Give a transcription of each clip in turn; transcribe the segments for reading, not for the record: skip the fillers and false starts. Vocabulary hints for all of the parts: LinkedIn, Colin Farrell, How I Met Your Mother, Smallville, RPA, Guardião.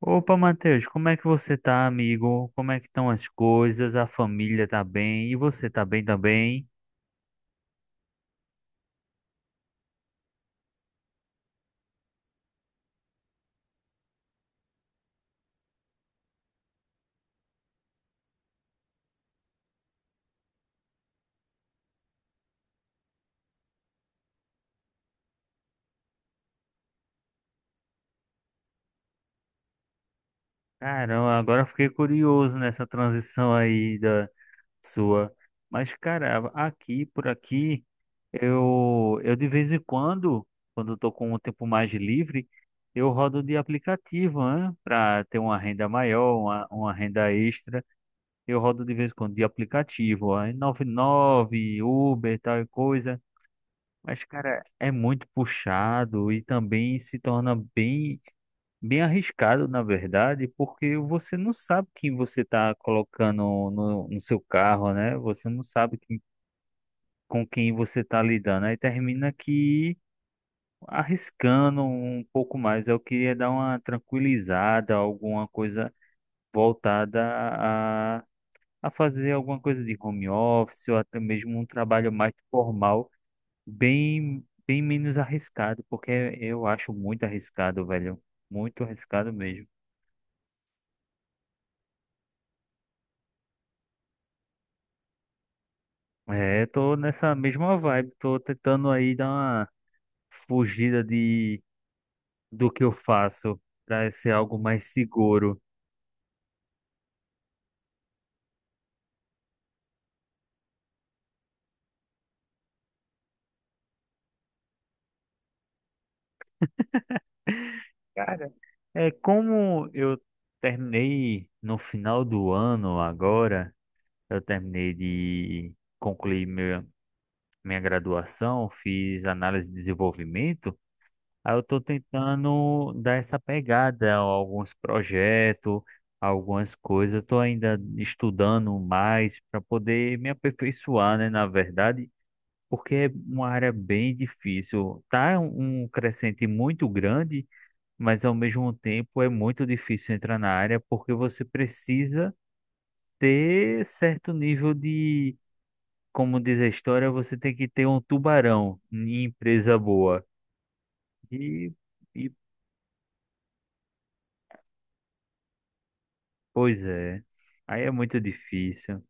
Opa, Matheus, como é que você tá, amigo? Como é que estão as coisas? A família tá bem? E você tá bem também? Caramba, agora eu fiquei curioso nessa transição aí da sua. Mas, cara, aqui, por aqui, eu de vez em quando, quando eu tô com um tempo mais livre, eu rodo de aplicativo, né? Para ter uma renda maior, uma renda extra. Eu rodo de vez em quando de aplicativo, aí nove, Uber, tal e coisa. Mas, cara, é muito puxado e também se torna bem, bem arriscado, na verdade, porque você não sabe quem você está colocando no seu carro, né? Você não sabe com quem você está lidando. Aí termina que arriscando um pouco mais. Eu queria dar uma tranquilizada, alguma coisa voltada a, a fazer alguma coisa de home office ou até mesmo um trabalho mais formal. Bem menos arriscado, porque eu acho muito arriscado, velho. Muito arriscado mesmo. É, tô nessa mesma vibe, tô tentando aí dar uma fugida de do que eu faço para ser algo mais seguro. Cara, é como eu terminei no final do ano agora, eu terminei de concluir minha, graduação, fiz análise de desenvolvimento. Aí eu tô tentando dar essa pegada a alguns projetos, algumas coisas. Eu tô ainda estudando mais para poder me aperfeiçoar, né, na verdade, porque é uma área bem difícil. Tá um crescente muito grande, mas ao mesmo tempo é muito difícil entrar na área porque você precisa ter certo nível de, como diz a história, você tem que ter um tubarão em empresa boa. E e Pois é, aí é muito difícil.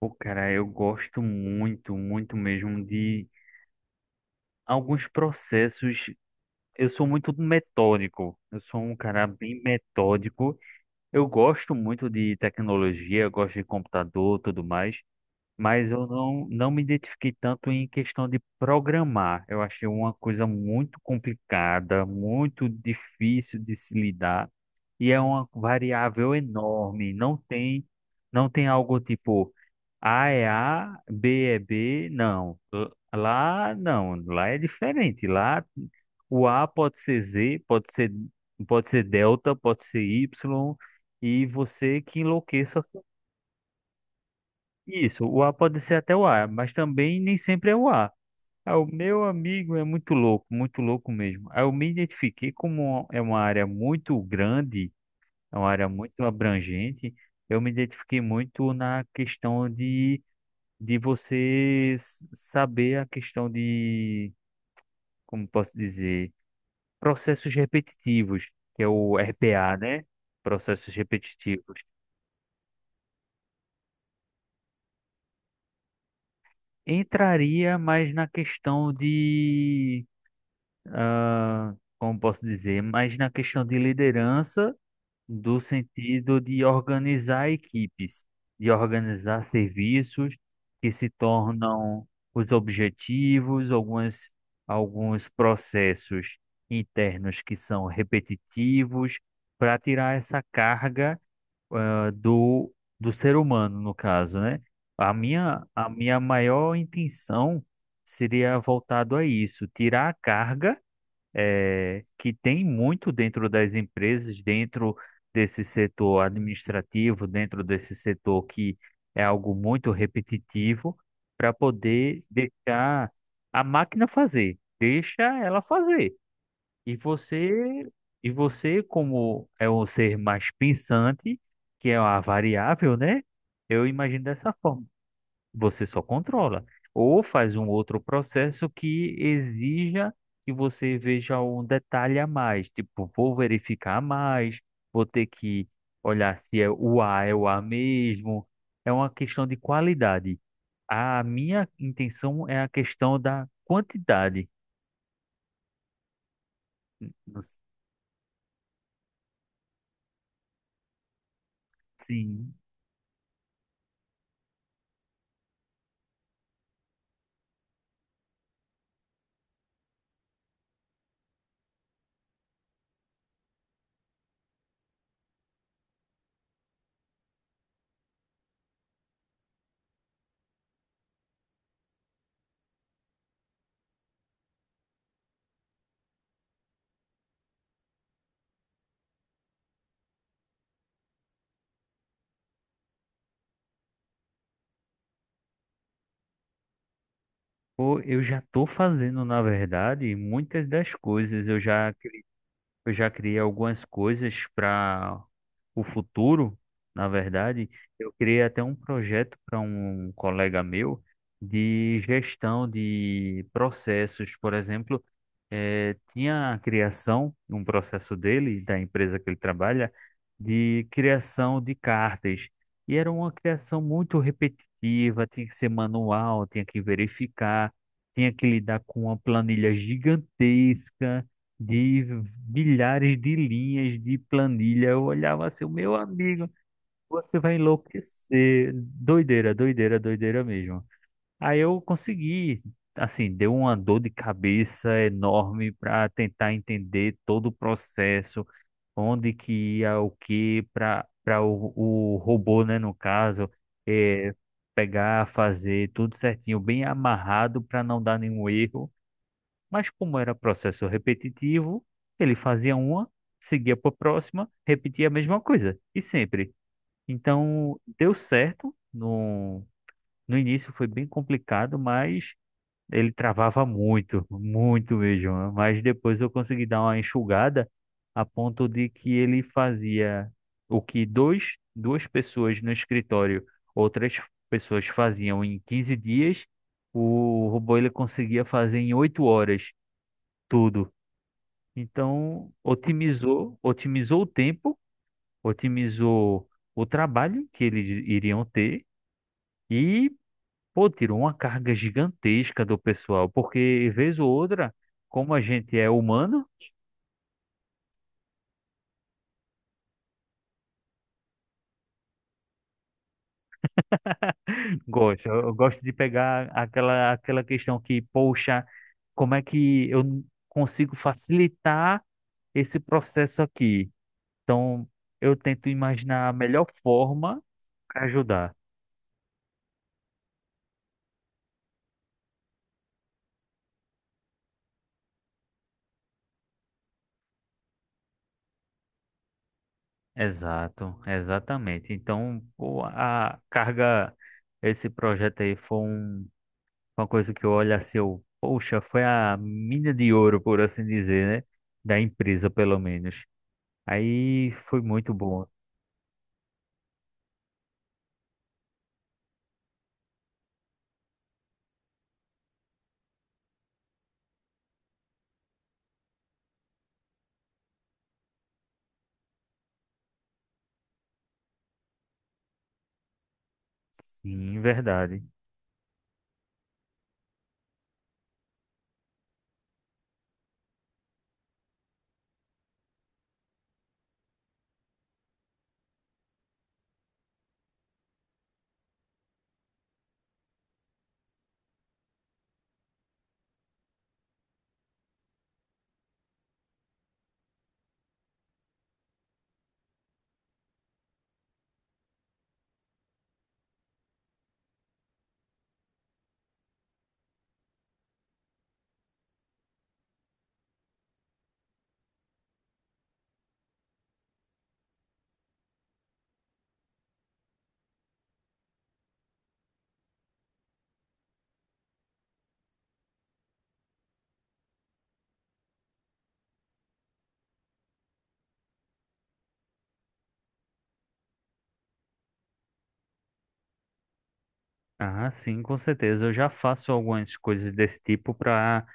Pô, cara, eu gosto muito, muito mesmo de alguns processos. Eu sou muito metódico, eu sou um cara bem metódico. Eu gosto muito de tecnologia, eu gosto de computador, tudo mais. Mas eu não me identifiquei tanto em questão de programar. Eu achei uma coisa muito complicada, muito difícil de se lidar, e é uma variável enorme. Não tem algo tipo A é A, B é B, não. Lá não, lá é diferente. Lá o A pode ser Z, pode ser, delta, pode ser Y, e você que enlouqueça isso, o A pode ser até o A, mas também nem sempre é o A. Ah, o meu amigo é muito louco mesmo. Aí eu me identifiquei como é uma área muito grande, é uma área muito abrangente. Eu me identifiquei muito na questão de você saber a questão de, como posso dizer, processos repetitivos, que é o RPA, né? Processos repetitivos. Entraria mais na questão de como posso dizer, mas na questão de liderança, do sentido de organizar equipes, de organizar serviços que se tornam os objetivos, alguns processos internos que são repetitivos, para tirar essa carga, ah, do, do ser humano, no caso, né? A minha maior intenção seria voltado a isso, tirar a carga que tem muito dentro das empresas, dentro desse setor administrativo, dentro desse setor que é algo muito repetitivo, para poder deixar a máquina fazer, deixa ela fazer. E você, e você como é um ser mais pensante, que é uma variável, né? Eu imagino dessa forma. Você só controla. Ou faz um outro processo que exija que você veja um detalhe a mais. Tipo, vou verificar a mais, vou ter que olhar se é o A é o A mesmo. É uma questão de qualidade. A minha intenção é a questão da quantidade. No- Sim. Pô, eu já estou fazendo, na verdade, muitas das coisas. Eu já criei algumas coisas para o futuro, na verdade. Eu criei até um projeto para um colega meu de gestão de processos. Por exemplo, tinha a criação, um processo dele, da empresa que ele trabalha, de criação de cartas. E era uma criação muito repetitiva, tinha que ser manual, tinha que verificar, tinha que lidar com uma planilha gigantesca de milhares de linhas de planilha. Eu olhava assim, meu amigo, você vai enlouquecer. Doideira, doideira, doideira mesmo. Aí eu consegui, assim, deu uma dor de cabeça enorme para tentar entender todo o processo, onde que ia o que para o robô, né, no caso, é pegar, fazer tudo certinho, bem amarrado para não dar nenhum erro. Mas como era processo repetitivo, ele fazia uma, seguia para a próxima, repetia a mesma coisa, e sempre. Então, deu certo. No, no início foi bem complicado, mas ele travava muito, muito mesmo. Mas depois eu consegui dar uma enxugada a ponto de que ele fazia o que duas pessoas no escritório, outras pessoas faziam em 15 dias, o robô ele conseguia fazer em 8 horas tudo. Então, otimizou, otimizou o tempo, otimizou o trabalho que eles iriam ter e, pô, tirou uma carga gigantesca do pessoal, porque vez ou outra, como a gente é humano, gosta, eu gosto de pegar aquela questão que, poxa, como é que eu consigo facilitar esse processo aqui? Então, eu tento imaginar a melhor forma para ajudar. Exato, exatamente. Então, pô, a carga, esse projeto aí foi uma coisa que eu olho assim, eu, poxa, foi a mina de ouro, por assim dizer, né? Da empresa, pelo menos. Aí foi muito bom. Sim, verdade. Ah, sim, com certeza. Eu já faço algumas coisas desse tipo para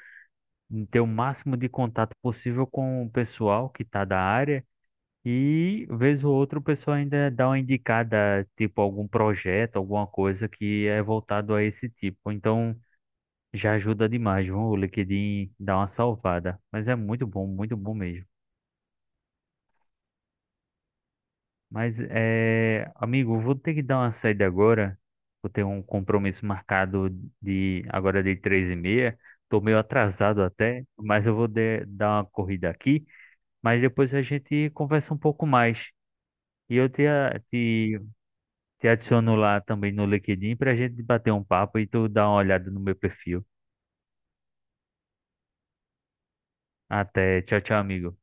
ter o máximo de contato possível com o pessoal que está da área. E, vez ou outra, o pessoal ainda dá uma indicada, tipo, algum projeto, alguma coisa que é voltado a esse tipo. Então, já ajuda demais, viu? O LinkedIn dá uma salvada. Mas é muito bom mesmo. Mas, amigo, vou ter que dar uma saída agora. Vou ter um compromisso marcado de agora de 3:30. Tô meio atrasado até, mas eu vou dar uma corrida aqui. Mas depois a gente conversa um pouco mais. E eu te, Te adiciono lá também no LinkedIn pra gente bater um papo e tu dá uma olhada no meu perfil. Até, tchau, tchau, amigo.